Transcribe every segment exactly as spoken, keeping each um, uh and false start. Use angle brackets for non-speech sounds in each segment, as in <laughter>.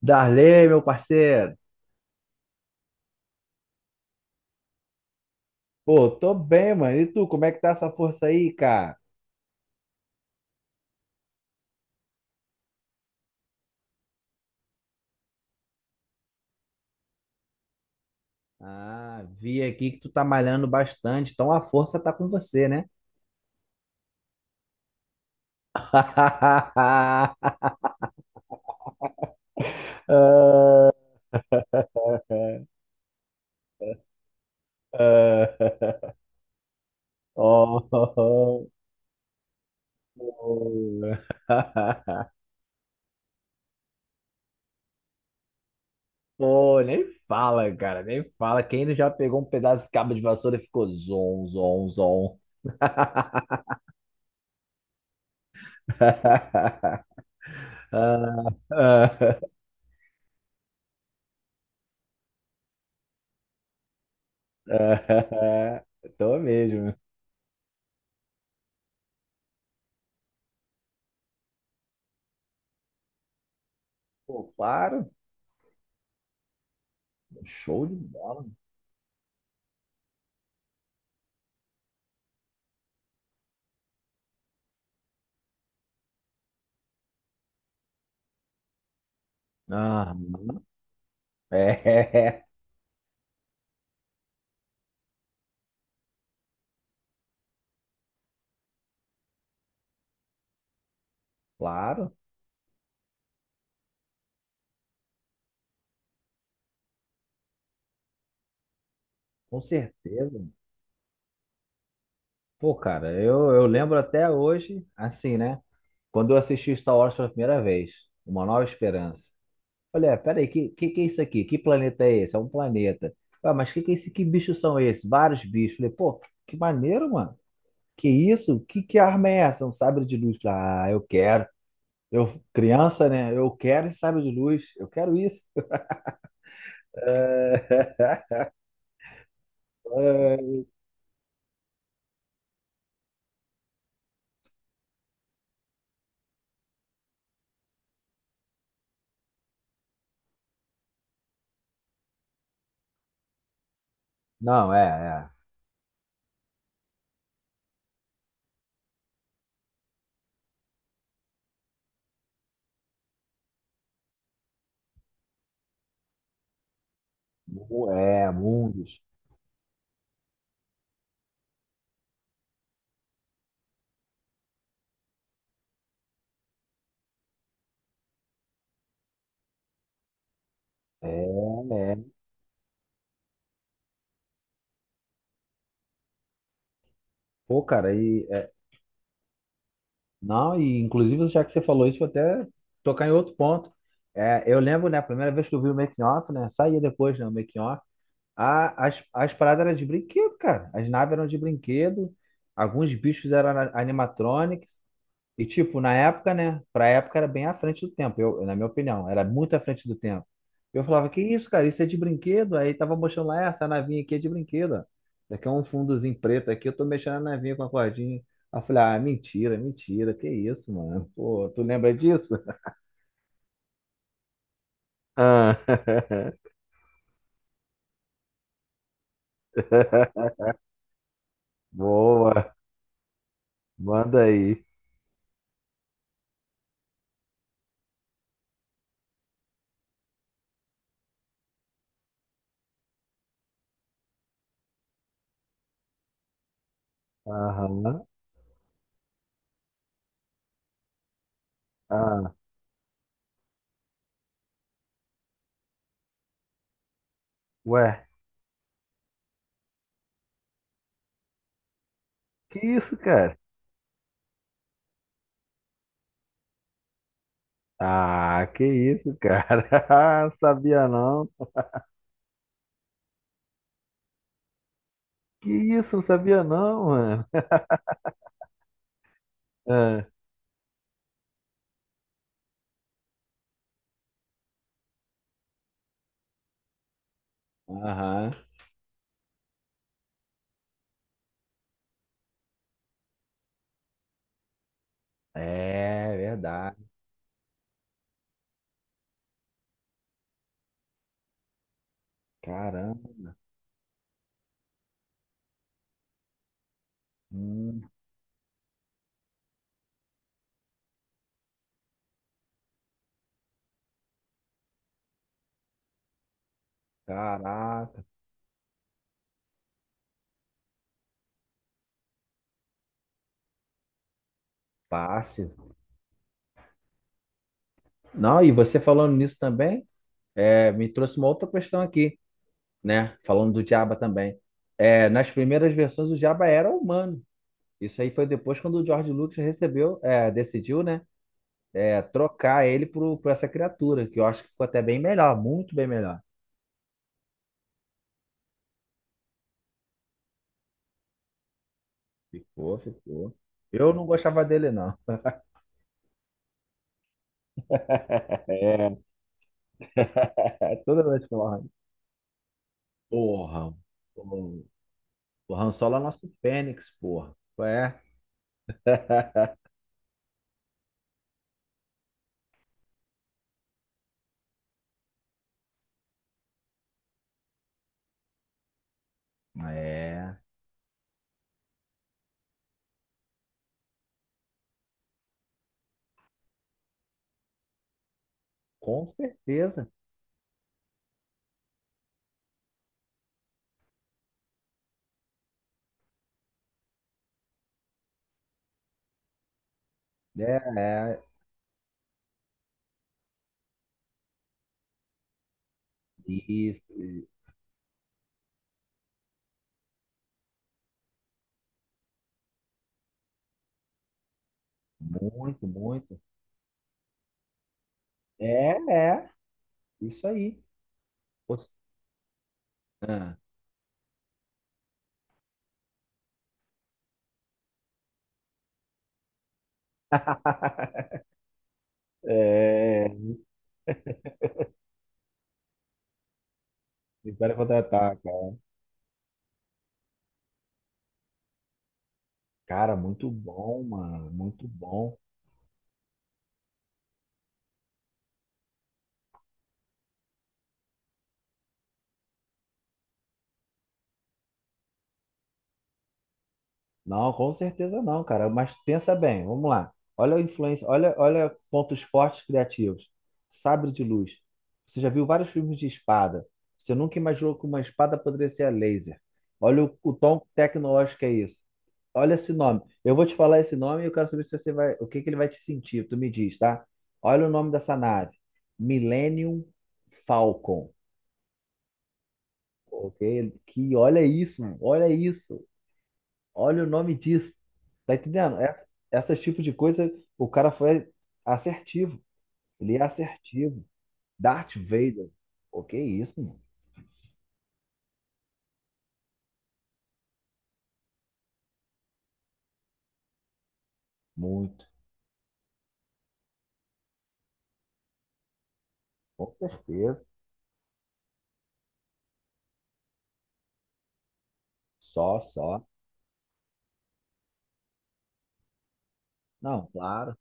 Darley, meu parceiro. Pô, tô bem, mano. E tu, como é que tá essa força aí, cara? Ah, vi aqui que tu tá malhando bastante, então a força tá com você, né? <laughs> Oh, oh, oh. <laughs> Pô, nem fala, cara, nem fala. Quem não já pegou um pedaço de cabo de vassoura e ficou zon, zon, zon. <laughs> Ah, ah, ah. Tô mesmo. Pô, para. Show de bola. Aham. É. <laughs> Claro, com certeza. Pô, cara, eu, eu lembro até hoje, assim, né? Quando eu assisti Star Wars pela primeira vez, Uma Nova Esperança. Olha, peraí, que, que que é isso aqui? Que planeta é esse? É um planeta. Ah, mas que que é esse? Que bichos são esses? Vários bichos. Falei, pô, que maneiro, mano. Que isso? Que, que arma é essa? É um sabre de luz. Falei, ah, eu quero. Eu, criança, né? Eu quero esse sabre de luz. Eu quero isso. <laughs> É, não, é, é. É, Mundus. É, é. Pô, cara, e, é, não, e inclusive já que você falou isso, vou até tocar em outro ponto. É, eu lembro, né, a primeira vez que eu vi o making off, né, saía depois, né, o making off, a, as, as paradas eram de brinquedo, cara. As naves eram de brinquedo, alguns bichos eram a- animatronics. E, tipo, na época, né? Pra época era bem à frente do tempo, eu, na minha opinião, era muito à frente do tempo. Eu falava, que isso, cara, isso é de brinquedo? Aí tava mostrando lá, "É, essa navinha aqui é de brinquedo. Ó. Isso aqui é um fundozinho preto aqui, eu tô mexendo na navinha com a cordinha. Aí eu falei, ah, mentira, mentira, que isso, mano? Pô, tu lembra disso? Ah, <laughs> boa, manda aí. Aham, ah, ué, que isso, cara? Ah, que isso, cara? <laughs> Sabia não. Que isso, não sabia não, mano. Ah, aham. É verdade. Caramba. Hum, caraca, fácil. Não, e você falando nisso também, é, me trouxe uma outra questão aqui, né? Falando do Diaba também. É, nas primeiras versões, o Diaba era humano. Isso aí foi depois quando o George Lucas recebeu, é, decidiu, né? É, trocar ele por, por essa criatura, que eu acho que ficou até bem melhor, muito bem melhor. Ficou, ficou. Eu não gostava dele, não. <laughs> <laughs> Toda noite pela Rádio. Porra, o, o Han Solo é nosso Fênix, porra. É. <laughs> É, com certeza. É, é, isso, muito, muito. É, é, isso aí. Você- ah. <laughs> É. Espero contratar, cara. Cara, muito bom, mano, muito bom. Não, com certeza não, cara. Mas pensa bem, vamos lá. Olha a influência, olha, olha pontos fortes criativos. Sabre de luz. Você já viu vários filmes de espada. Você nunca imaginou que uma espada poderia ser a laser. Olha o, o tom tecnológico que é isso. Olha esse nome. Eu vou te falar esse nome e eu quero saber se você vai, o que que ele vai te sentir. Tu me diz, tá? Olha o nome dessa nave. Millennium Falcon. Ok? Que olha isso, mano. Olha isso. Olha o nome disso. Tá entendendo? Essa, essas tipo de coisa, o cara foi assertivo. Ele é assertivo. Darth Vader. O que isso, mano? Muito. Com certeza. Só, só. Não, claro.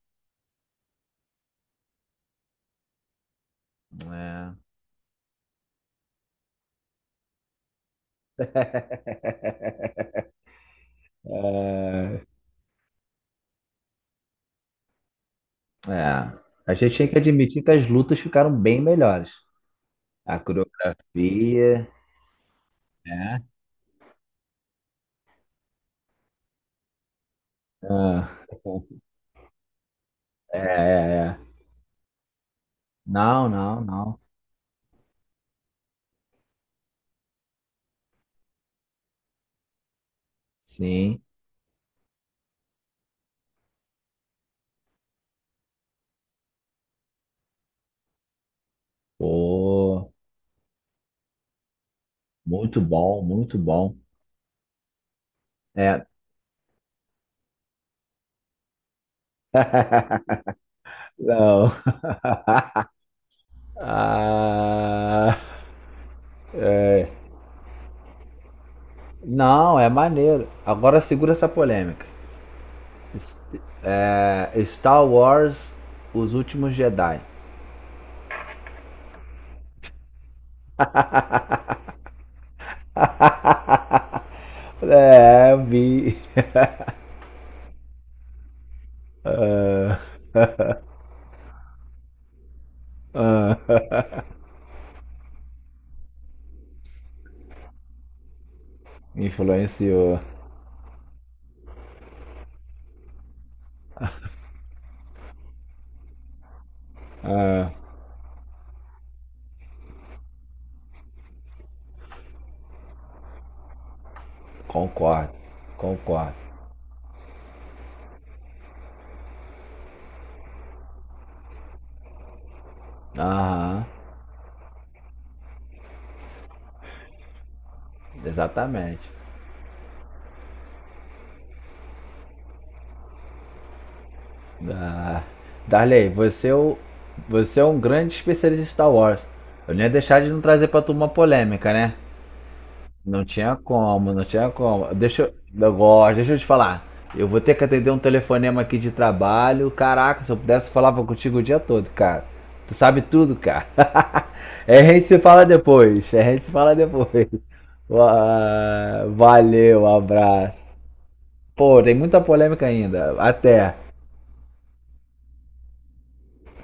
É. <laughs> É. É. A gente tem que admitir que as lutas ficaram bem melhores. A coreografia, né? Ah. <laughs> É, é, é. Não, não, não. Sim. Pô. Muito bom, muito bom. É, não. Ah, não, é maneiro. Agora segura essa polêmica. Es- É, Star Wars, Os Últimos Jedi. É, eu vi. Ah, ah, influenciou. Ah, concordo, concordo. Aham, exatamente. Ah, Darley, você, é o- você é um grande especialista em Star Wars. Eu não ia deixar de não trazer pra tu uma polêmica, né? Não tinha como, não tinha como. Deixa eu. Eu gosto, deixa eu te falar. Eu vou ter que atender um telefonema aqui de trabalho. Caraca, se eu pudesse, eu falava contigo o dia todo, cara. Tu sabe tudo, cara. <laughs> É, a gente se fala depois. É, a gente se fala depois. <laughs> Ah, valeu, abraço. Pô, tem muita polêmica ainda. Até.